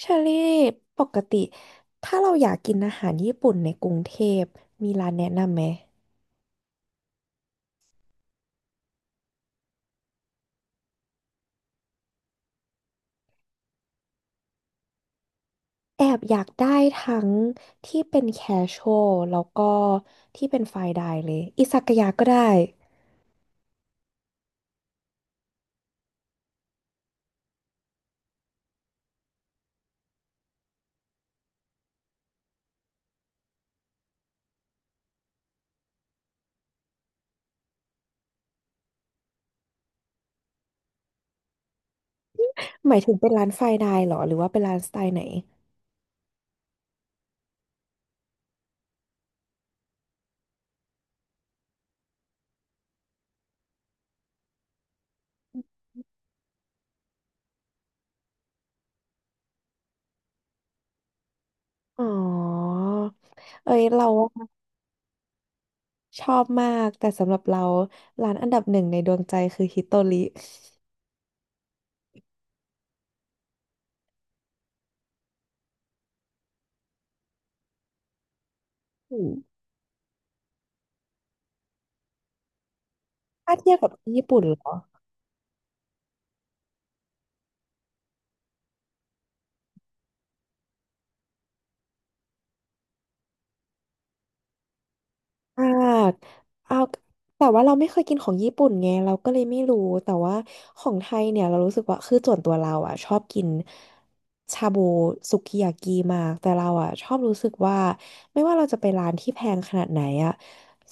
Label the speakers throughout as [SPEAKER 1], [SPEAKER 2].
[SPEAKER 1] เชอรี่ปกติถ้าเราอยากกินอาหารญี่ปุ่นในกรุงเทพมีร้านแนะนำไหมแอบอยากได้ทั้งที่เป็นแคชช a l แล้วก็ที่เป็นไฟน์ไดน์เลยอิซากายะก็ได้หมายถึงเป็นร้านไฟน์ไดน์เหรอหรือว่าเป็นร้านสไตล์ไหนอ๋อเอ้ยเราชอบมากแต่สำหรับเราร้านอันดับหนึ่งในดวงใจคือฮิโตริอืมถ้าเทียบกับที่ญี่ปุ่นเหรอ อ่าเอาแต่ว่าเราไม่เคยกินของญี่ปุ่นไงเราก็เลยไม่รู้แต่ว่าของไทยเนี่ยเรารู้สึกว่าคือส่วนตัวเราอ่ะชอบกินชาบูสุกิยากิมากแต่เราอ่ะชอบรู้สึกว่าไม่ว่าเราจะไปร้านที่แพงขนาดไหนอ่ะ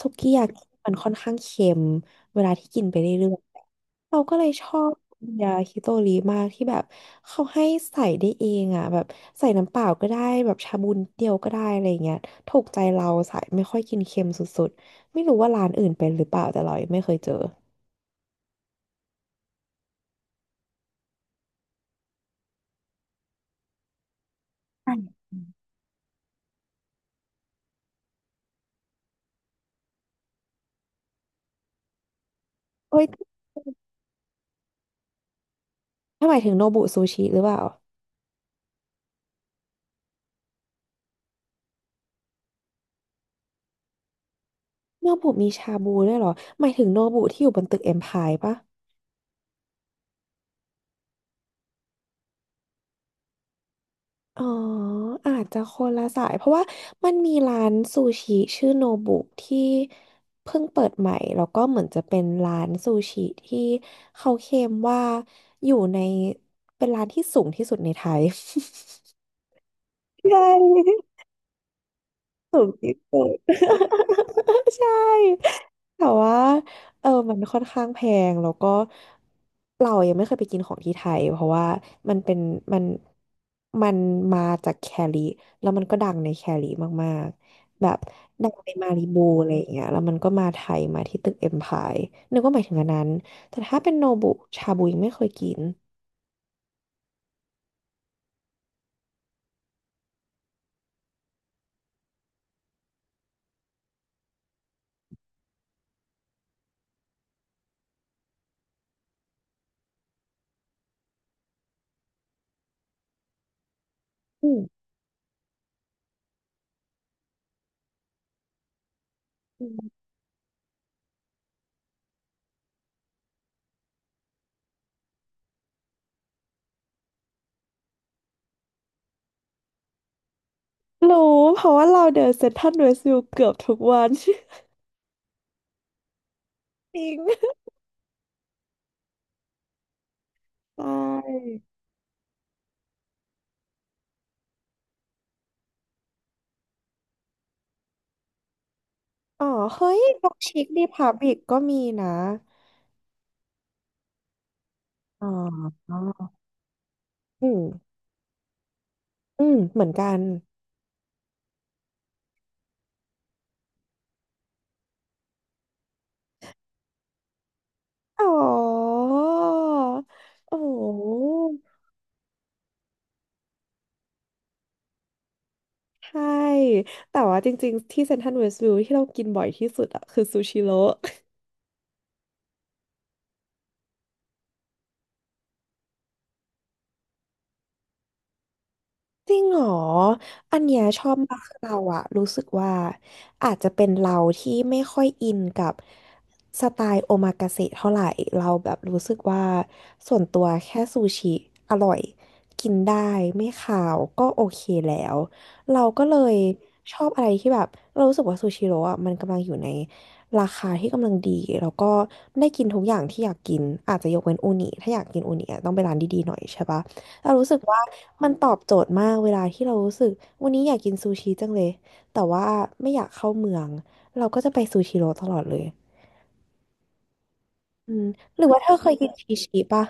[SPEAKER 1] สุกิยากิมันค่อนข้างเค็มเวลาที่กินไปเรื่อยๆเราก็เลยชอบยาฮิโตริมากที่แบบเขาให้ใส่ได้เองอ่ะแบบใส่น้ำเปล่าก็ได้แบบชาบูนิดเดียวก็ได้อะไรอย่างเงี้ย ถูกใจเราสายไม่ค่อยกินเค็มสุดๆไม่รู้ว่าร้านอื่นเป็นหรือเปล่าแต่เรายังไม่เคยเจอเฮ้ยถ้าหมายถึงโนบุซูชิหรือเปล่าโนบุมีชาบูด้วยเหรอหมายถึงโนบุที่อยู่บนตึกเอ็มพายปะอ๋ออาจจะคนละสายเพราะว่ามันมีร้านซูชิชื่อโนบุที่เพิ่งเปิดใหม่แล้วก็เหมือนจะเป็นร้านซูชิที่เขาเคลมว่าอยู่ในเป็นร้านที่สูงที่สุดในไทย ใช่ สูงที่สุด ใช่แต่ว่ามันค่อนข้างแพงแล้วก็เรายังไม่เคยไปกินของที่ไทยเพราะว่ามันเป็นมันมันมาจากแคลิแล้วมันก็ดังในแคลิมากๆแบบดังในมาริบูอะไรอย่างเงี้ยแล้วมันก็มาไทยมาที่ตึกเอ็มพายนึกว่าหมายถึงอันนั้นแต่ถ้าเป็นโนบุชาบูยังไม่เคยกินอืมอืมรู้เพราะว่าเราเดินเซ็นทรัลเวสต์วิวเกือบทุกวัน จริงใช่ อ๋อ เฮ้ยบ็อกชิคดีพับลิกก็มีนะ อ๋ออืมอืมเหมือนกัน อ๋อโอ้ใช่แต่ว่าจริงๆ ที่เซ็นทรัลเวสต์วิวที่เรากินบ่อยที่สุดอะคือซูชิโร่ จริงเหรอ อันเนี้ยชอบมากคือเราอะรู้สึกว่าอาจจะเป็นเราที่ไม่ค่อยอินกับสไตล์โอมากาเสะเท่าไหร่เราแบบรู้สึกว่าส่วนตัวแค่ซูชิอร่อยกินได้ไม่คาวก็โอเคแล้ว เราก็เลยชอบอะไรที่แบบเรารู้สึกว่าซูชิโร่อะมันกำลังอยู่ในราคาที่กำลังดีแล้วก็ได้กินทุกอย่างที่อยากกินอาจจะยกเว้นอูนิถ้าอยากกินอูนิอะต้องไปร้านดีๆหน่อยใช่ปะ เรารู้สึกว่ามันตอบโจทย์มากเวลาที่เรารู้สึกวันนี้อยากกินซูชิจังเลยแต่ว่าไม่อยากเข้าเมืองเราก็จะไปซูชิโร่ตลอดเลยอืมหรือว่าเธอเคยกินชีชิปะ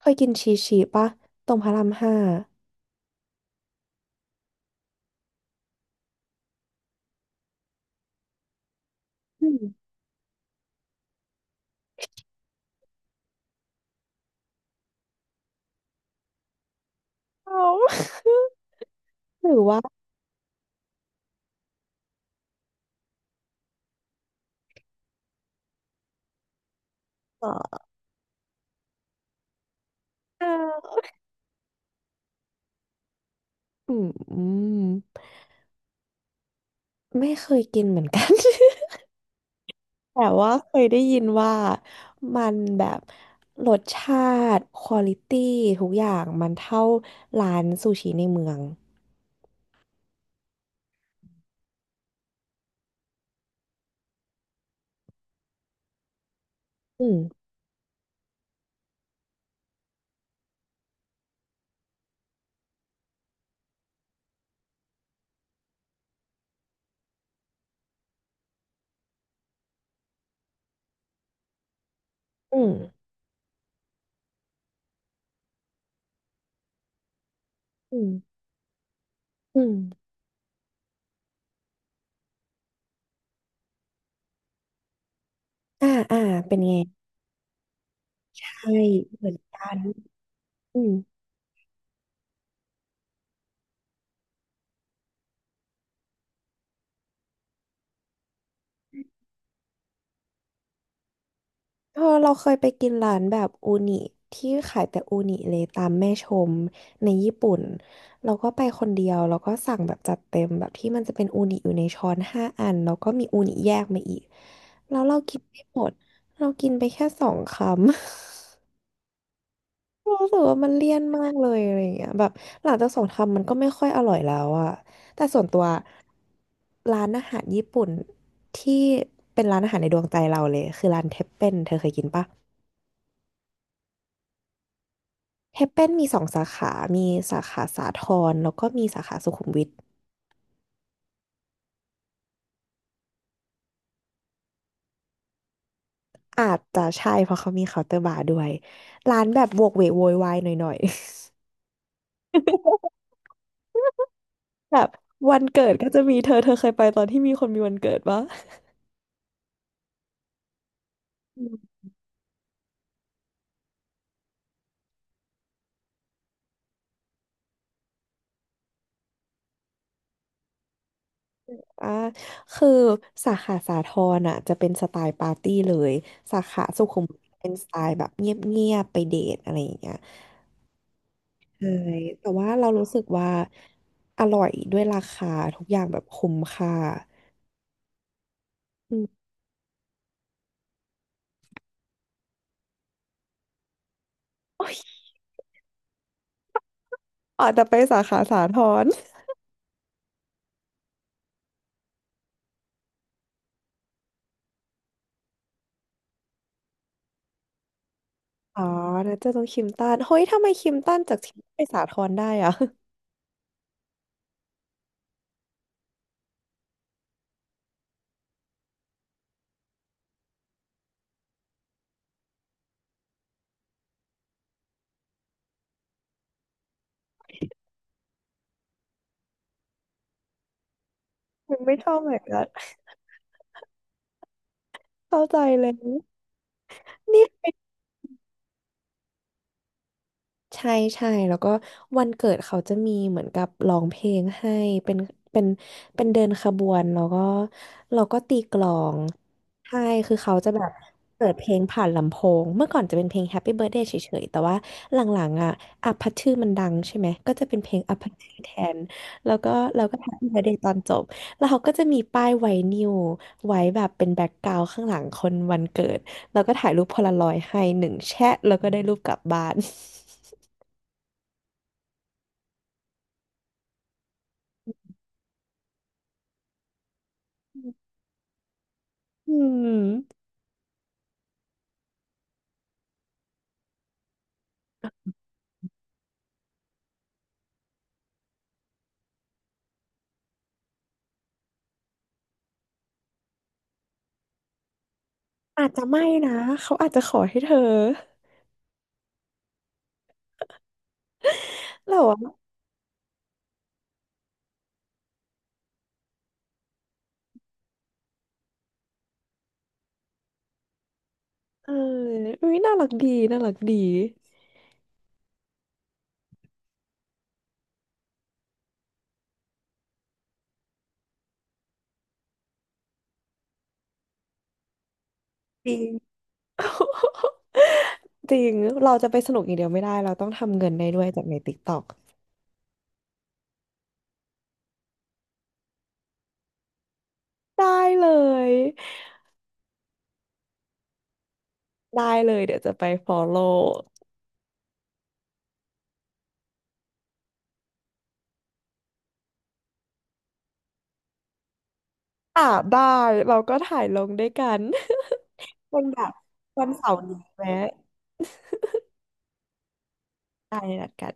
[SPEAKER 1] เคยกินชีชิปะตรงพระรามห้าอืมเอาหรือว่าเอ่ออืมอืมไม่เคยกินเหมือนกัน แต่ว่าเคยได้ยินว่ามันแบบรสชาติควอลิตี้ทุกอย่างมันเท่าร้านซูชิในเมือง อืมอืมอืมอืมอ่าอ่าเป็นไงใช่เหมือนกันอืมเออเราเคยไปกินร้านแบบอูนิที่ขายแต่อูนิเลยตามแม่ชมในญี่ปุ่นเราก็ไปคนเดียวแล้วก็สั่งแบบจัดเต็มแบบที่มันจะเป็นอูนิอยู่ในช้อนห้าอันแล้วก็มีอูนิแยกมาอีกแล้วเรากินไม่หมดเรากินไปแค่สองคำ รู้สึกว่ามันเลี่ยนมากเลยอะไรอย่างเงี้ยแบบหลังจากสงครามมันก็ไม่ค่อยอร่อยแล้วอะแต่ส่วนตัวร้านอาหารญี่ปุ่นที่เป็นร้านอาหารในดวงใจเราเลยคือร้านเทปเป้นเธอเคยกินปะเทปเป้นมีสองสาขา มีสาขาสาทรแล้วก็มีสาขาสุขุมวิทอาจจะใช่เพราะเขามีเคาน์เตอร์บาร์ด้วยร้านแบบโวกเวกโวยวายหน่อยๆ แบบวันเกิดก็จะมีเธอเคยไปตอนที่มีคนมีวันเกิดปะ อ่าคือสาขาสาทรอ่ะจะเป็นสไตล์ปาร์ตี้เลยสาขาสุขุมวิทเป็นสไตล์แบบเงียบๆไปเดทอะไรอย่างเงี้ยใช่แต่ว่าเรารู้สึกว่าอร่อยด้วยราคาทุกอย่างแบบคุ้มค่าอืมโอ้ยอาจจะไปสาขาสาทรอ๋อนะจะต้องคิมตันเฮ้ยทำไมคิมตันจากที่ไปสาทรได้อ่ะ มันไม่ชอบเหมือนกันเข้าใจเลยนี่ ใช่ใช่ แล้วก็วันเกิดเขาจะมีเหมือนกับร้องเพลงให้ เป็นเป็นเป็นเดินขบวนแล้วก็เราก็ตีกลองใช่ คือเขาจะแบบเปิดเพลงผ่านลำโพง เมื่อก่อนจะเป็นเพลง Happy Birthday เฉยๆแต่ว่าหลังๆอ่ะอัพพัชชื่อมันดังใช่ไหมก็จะเป็นเพลงอัพพัชชื่อแทน แล้วก็เราก็ Happy Birthday ตอนจบ แล้วเขาก็จะมีป้ายไวนิลไว้แบบเป็นแบ็กกราวด์ข้างหลังคนวันเกิดแล้วก็ถ่ายรูปโพลารอยด์ให้หนึ่งแชะแล้วก็ได้รูปกลับบ้าน อืมอาจจะไม่นะเขาอาจจะขอให้เธอแล้วอ่ะเอออุ้ยน่ารักดีน่ารักดีจริงจริงเราจะไปสนุกอย่างเดียวไม่ได้เราต้องทำเงินได้ด้วยจากใน TikTok ได้เลยได้เลยเดี๋ยวจะไป follow อ่ะได้เราก็ถ่ายลงด้วยกัน วันแบบวันเสาร์นี้แวะได้นัดกัน